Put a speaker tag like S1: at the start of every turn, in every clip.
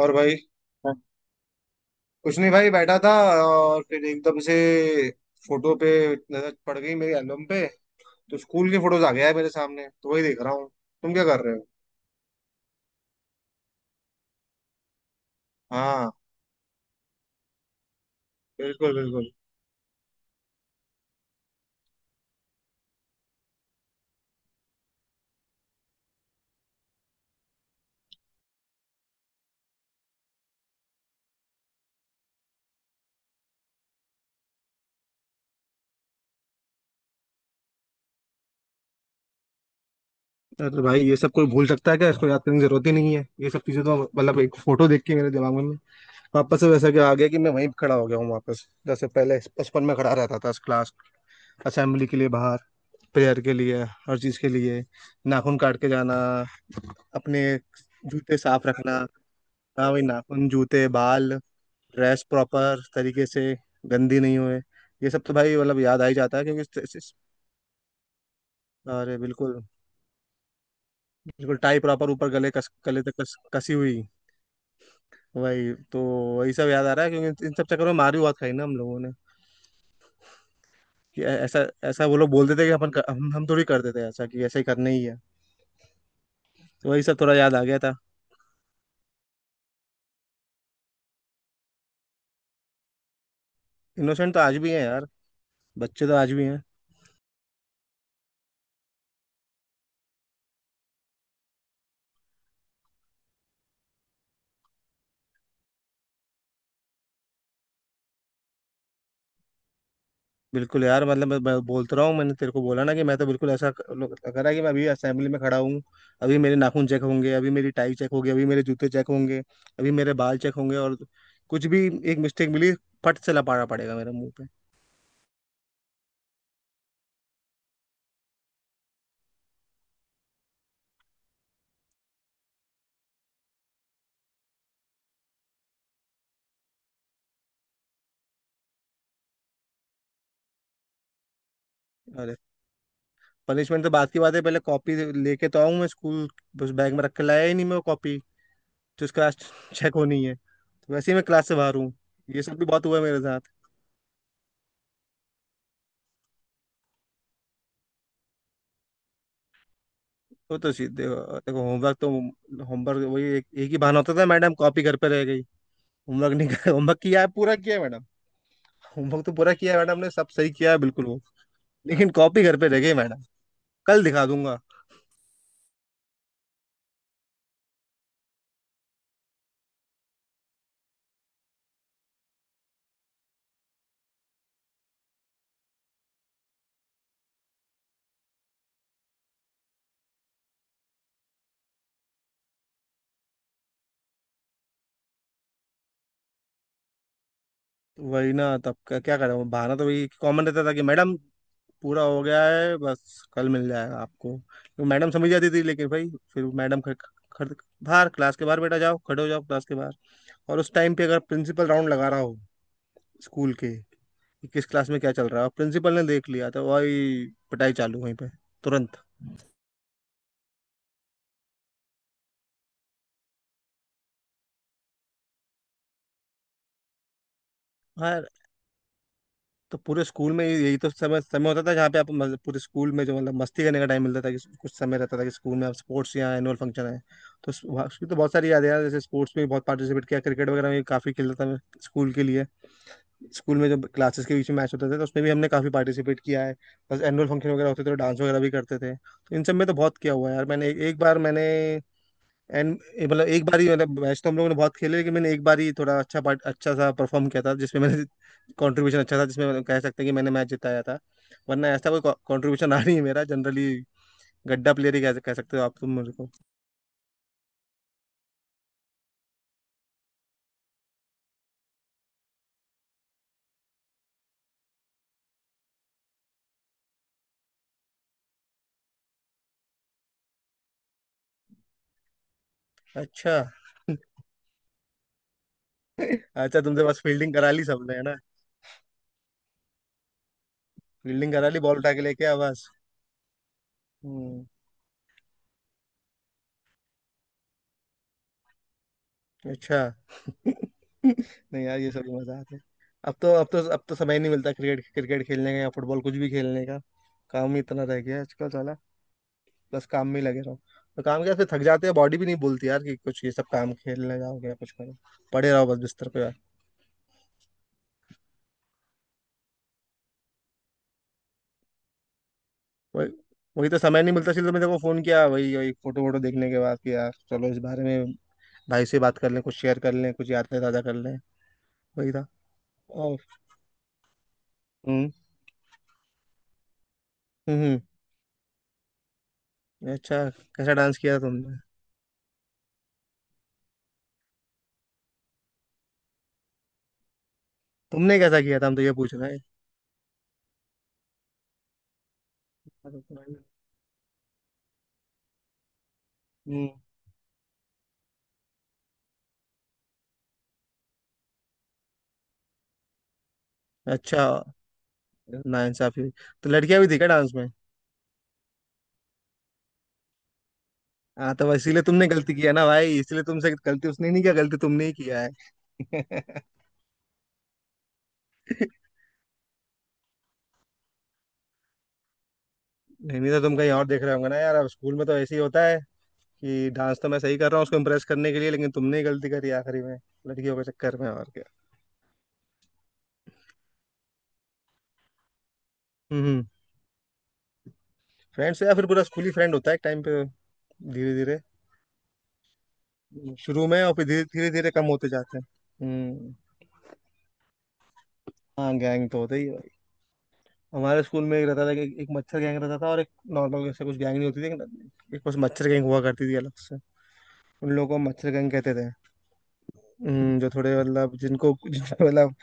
S1: और भाई। हाँ। कुछ नहीं भाई, बैठा था। और फिर एकदम से फोटो पे नजर पड़ गई, मेरी एल्बम पे। तो स्कूल के फोटोज आ गया है मेरे सामने, तो वही देख रहा हूँ। तुम क्या कर रहे हो? हाँ, बिल्कुल बिल्कुल। अरे भाई, ये सब कोई भूल सकता है क्या? इसको याद करने की जरूरत ही नहीं है। ये सब चीजें तो मतलब एक फोटो देख के मेरे दिमाग में वापस से वैसा क्या आ गया कि मैं वहीं खड़ा हो गया हूँ वापस, जैसे पहले बचपन में खड़ा रहता था। क्लास, असेंबली के लिए बाहर, प्रेयर के लिए, हर चीज के लिए। नाखून काट के जाना, अपने जूते साफ रखना। हाँ, वही नाखून, जूते, बाल, ड्रेस प्रॉपर तरीके से, गंदी नहीं हुए। ये सब तो भाई मतलब याद आ ही जाता है क्योंकि अरे बिल्कुल। बिल्कुल टाई प्रॉपर ऊपर गले कस, गले तक कस, कसी हुई। वही तो। वही सब याद आ रहा है क्योंकि इन सब चक्करों में मार भी बहुत खाई ना हम लोगों ने। कि ऐ- ऐसा ऐसा वो लोग बोलते थे कि हम थोड़ी करते थे ऐसा कि ऐसा ही करना ही है। तो वही सब थोड़ा याद आ गया था। इनोसेंट तो आज भी है यार। बच्चे तो आज भी हैं। बिल्कुल यार, मतलब मैं बोलता रहा हूँ। मैंने तेरे को बोला ना कि मैं तो बिल्कुल ऐसा करा कि मैं अभी असेंबली में खड़ा हूँ। अभी मेरे नाखून चेक होंगे, अभी मेरी टाई चेक होगी, अभी मेरे जूते चेक होंगे, अभी मेरे बाल चेक होंगे। और कुछ भी, एक मिस्टेक मिली, फट से लपाड़ा पड़ेगा मेरे मुंह पे। अरे, पनिशमेंट तो बात की बात है, पहले कॉपी लेके तो आऊँ मैं स्कूल। बस बैग में रख के लाया ही नहीं मैं वो कॉपी जिसका आज चेक होनी है, तो वैसे ही मैं क्लास से बाहर हूँ। ये सब भी बहुत हुआ है मेरे साथ। वो तो सीधे देखो, होमवर्क वही एक ही बहाना होता था, मैडम कॉपी घर पे रह गई। होमवर्क नहीं कर होमवर्क किया है, पूरा किया है मैडम। होमवर्क तो पूरा किया है मैडम, ने सब सही किया है बिल्कुल वो, लेकिन कॉपी घर पे रह गई मैडम, कल दिखा दूंगा। तो वही ना, तब का क्या करें, वो बहाना तो वही कॉमन रहता था कि मैडम पूरा हो गया है, बस कल मिल जाएगा आपको। तो मैडम समझ जाती थी। लेकिन भाई फिर मैडम खड़, खड़, बाहर, क्लास के बाहर बेटा जाओ, खड़े हो जाओ क्लास के बाहर। और उस टाइम पे अगर प्रिंसिपल राउंड लगा रहा हो स्कूल के, कि किस क्लास में क्या चल रहा है, और प्रिंसिपल ने देख लिया तो वही, पिटाई चालू वहीं पे, तुरंत। हाँ। तो पूरे स्कूल में यही तो समय समय होता था जहाँ पे आप मतलब, पूरे स्कूल में जो मतलब मस्ती करने का टाइम मिलता था, कि कुछ समय रहता था कि स्कूल में आप स्पोर्ट्स या एनुअल फंक्शन है। तो उसकी तो बहुत सारी यादें हैं। जैसे स्पोर्ट्स में भी बहुत पार्टिसिपेट किया, क्रिकेट वगैरह में काफ़ी खेलता था मैं, स्कूल के लिए। स्कूल में जब क्लासेस के बीच में मैच होते थे तो उसमें भी हमने काफ़ी पार्टिसिपेट किया है। बस एनुअल फंक्शन वगैरह होते थे तो डांस वगैरह भी करते थे, तो इन सब में तो बहुत किया हुआ है यार मैंने, एक एक बार मैंने एंड, मतलब एक बार ही मतलब, मैच तो हम लोगों ने बहुत खेले लेकिन मैंने एक बार ही थोड़ा अच्छा पार्ट अच्छा सा परफॉर्म किया था जिसमें मैंने कंट्रीब्यूशन अच्छा था, जिसमें मतलब कह सकते हैं कि मैंने मैच जिताया था। वरना ऐसा कोई कंट्रीब्यूशन आ नहीं है मेरा जनरली, गड्ढा प्लेयर ही कह सकते हो आप तुम मेरे को। अच्छा। अच्छा, तुमसे बस फील्डिंग करा ली सबने है ना। फील्डिंग करा ली, बॉल उठा के लेके आया बस। हम्म। अच्छा। नहीं यार, ये सभी मजा आते हैं। अब तो समय ही नहीं मिलता, क्रिकेट क्रिकेट खेलने का या फुटबॉल कुछ भी खेलने का। काम ही इतना रह गया है आजकल साला, बस काम में ही लगे रहो, तो काम क्या फिर थक जाते हैं, बॉडी भी नहीं बोलती यार कि कुछ ये सब काम खेलने जाओगे या कुछ करो, पड़े रहो बस बिस्तर पे यार। वही वही तो समय नहीं मिलता, इसलिए तो मैंने को फोन किया, वही वही फोटो वोटो देखने के बाद कि यार चलो इस बारे में भाई से बात कर लें, कुछ शेयर कर लें, कुछ यादें ताज़ा कर लें। वही था। और। हम्म। हम्म। अच्छा। कैसा डांस किया तुमने? तुमने कैसा किया था, हम तो ये पूछ रहे हैं। हम्म। अच्छा। नाइंसाफी हुई। तो लड़कियां भी थी क्या डांस में? हाँ, तो इसीलिए तुमने गलती किया ना भाई, इसलिए तुमसे गलती। उसने नहीं किया गलती, तुमने ही किया है। नहीं। नहीं तो तुम कहीं और देख रहे होंगे ना यार, अब स्कूल में तो ऐसे ही होता है कि डांस तो मैं सही कर रहा हूँ उसको इम्प्रेस करने के लिए, लेकिन तुमने ही गलती करी आखिरी में, लड़कियों के चक्कर में और क्या। हम्म। फ्रेंड्स या फिर पूरा स्कूल ही फ्रेंड होता है एक टाइम पे, धीरे धीरे। शुरू में, और फिर धीरे धीरे धीरे कम होते जाते हैं। हम्म। हाँ, गैंग तो होता ही है भाई। हमारे स्कूल में एक रहता था कि एक मच्छर गैंग रहता था और एक नॉर्मल, ऐसे कुछ गैंग नहीं होती थी, एक बस मच्छर गैंग हुआ करती थी अलग से। उन लोगों को मच्छरगंग कहते थे। जो थोड़े मतलब जिनको जिनको मतलब,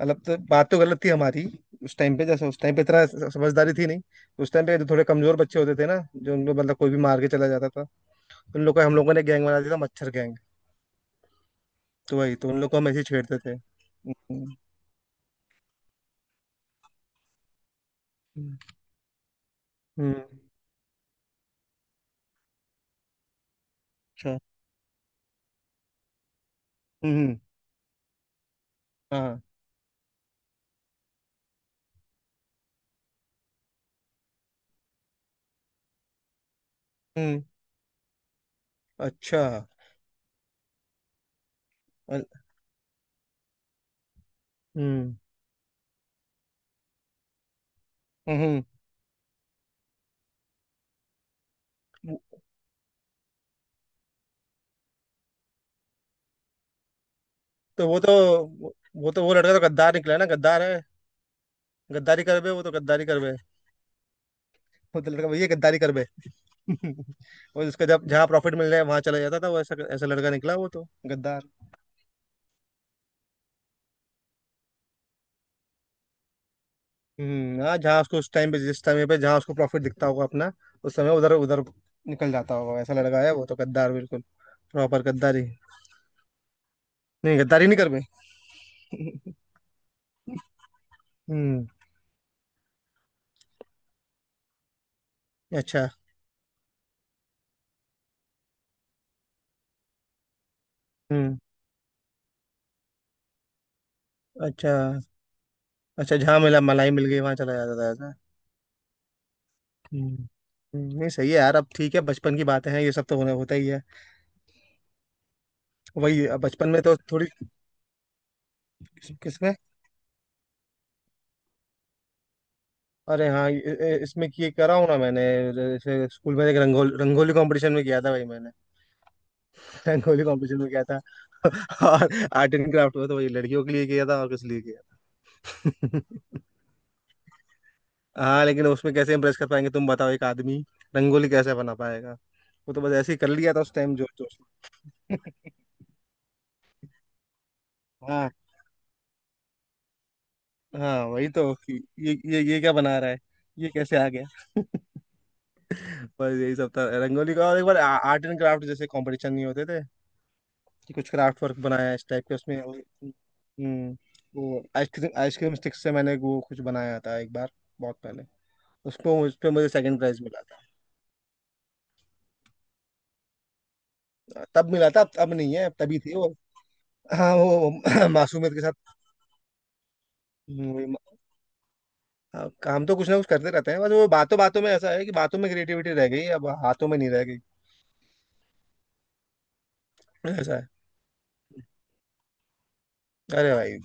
S1: मतलब तो बात तो गलत थी हमारी उस टाइम पे, जैसे उस टाइम पे इतना समझदारी थी नहीं। उस टाइम पे जो थोड़े कमजोर बच्चे होते थे ना, जो उनको मतलब कोई भी मार के चला जाता था, उन लोग को हम लोगों ने गैंग बना दिया था, मच्छर गैंग। तो वही तो, उन लोग को हम ऐसे ही छेड़ते थे। हम्म। हम्म, अच्छा। हम्म। हाँ। हम्म। अच्छा। अल- हम्म। हम्म। वो- तो वो तो वो वो लड़का तो गद्दार निकला ना, गद्दार है। गद्दारी कर बे, वो तो गद्दारी कर बे। वो तो लड़का भैया गद्दारी कर बे। और उसका, जब जहाँ प्रॉफिट मिल रहा है वहां चला जाता था वो, ऐसा ऐसा लड़का निकला वो तो, गद्दार। हम्म। हाँ, जहाँ उसको उस टाइम पे, जिस समय पे जहाँ उसको प्रॉफिट दिखता होगा अपना, उस समय उधर उधर निकल जाता होगा। ऐसा लड़का है वो तो, गद्दार बिल्कुल, प्रॉपर गद्दारी। नहीं गद्दारी नहीं कर बे। हम्म, अच्छा। हम्म, अच्छा। अच्छा, जहाँ मिला मलाई मिल गई वहां चला जाता था ऐसा। हम्म। नहीं सही है यार। अब ठीक है, बचपन की बातें हैं, ये सब तो होने होता ही है। वही, अब बचपन में तो थोड़ी। किस्में? अरे हाँ, इसमें ये करा हूँ ना मैंने, जैसे स्कूल में एक रंगोली रंगोली कंपटीशन में किया था भाई मैंने। रंगोली कंपटीशन में किया था। और आर्ट एंड क्राफ्ट में, तो वही लड़कियों के लिए किया था और किस लिए किया था? हाँ, लेकिन उसमें कैसे इम्प्रेस कर पाएंगे, तुम बताओ, एक आदमी रंगोली कैसे बना पाएगा। वो तो बस ऐसे ही कर लिया था उस टाइम, जोश जोश में। हाँ हाँ, वही तो कि ये क्या बना रहा है, ये कैसे आ गया। बस यही सब था रंगोली का। और एक बार आर्ट एंड क्राफ्ट जैसे कंपटीशन नहीं होते थे, कि कुछ क्राफ्ट वर्क बनाया है इस टाइप के उसमें, और हम्म। वो आइसक्रीम आइसक्रीम स्टिक से मैंने वो कुछ बनाया था एक बार, बहुत पहले। उसको, उस पे मुझे सेकंड प्राइज मिला था। तब मिला था, अब नहीं है, अब तभी थी वो। हाँ वो मासूमियत के साथ। हम्म, वही मा- हाँ, काम तो कुछ ना कुछ करते रहते हैं, बस वो बातों बातों में ऐसा है कि बातों में क्रिएटिविटी रह गई, अब हाथों में नहीं रह गई, ऐसा है। अरे भाई,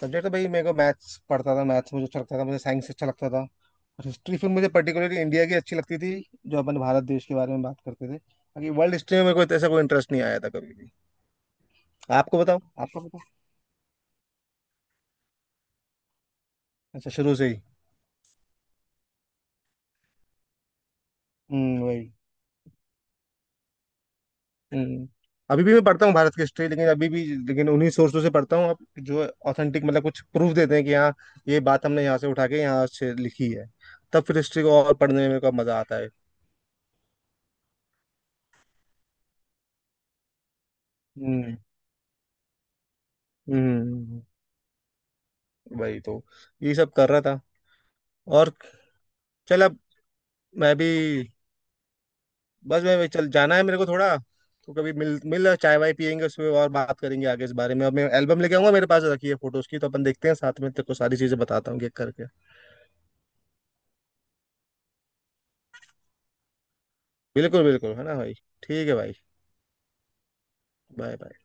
S1: सब्जेक्ट तो भाई मेरे को मैथ्स पढ़ता था। मैथ्स मुझे अच्छा लगता था, मुझे साइंस अच्छा लगता था, और हिस्ट्री, फिर मुझे पर्टिकुलरली इंडिया की अच्छी लगती थी। जो अपन भारत देश के बारे में बात करते थे, बाकी वर्ल्ड हिस्ट्री में मेरे को ऐसा कोई इंटरेस्ट नहीं आया था कभी भी। आपको बताओ आपको बताओ। अच्छा शुरू से ही। हम्म, वही। हम्म। अभी भी मैं पढ़ता हूँ भारत की हिस्ट्री, लेकिन अभी भी, लेकिन उन्हीं सोर्सों से पढ़ता हूँ आप, जो ऑथेंटिक, मतलब कुछ प्रूफ देते हैं कि हाँ, ये बात हमने यहाँ से उठा के यहाँ से लिखी है, तब फिर हिस्ट्री को और पढ़ने में मेरे को मजा आता है। हम्म। हम्म। वही तो, यही सब कर रहा था। और, चल अब, मैं भी बस, चल जाना है मेरे को थोड़ा। तो कभी मिल मिल चाय वाय पियेंगे, उसमें और बात करेंगे आगे इस बारे में। अब मैं एल्बम लेके आऊंगा, मेरे पास रखी है फोटोज की, तो अपन देखते हैं साथ में, तेरे को सारी चीजें बताता हूँ एक करके। बिल्कुल, बिल्कुल है ना भाई। ठीक है भाई। बाय।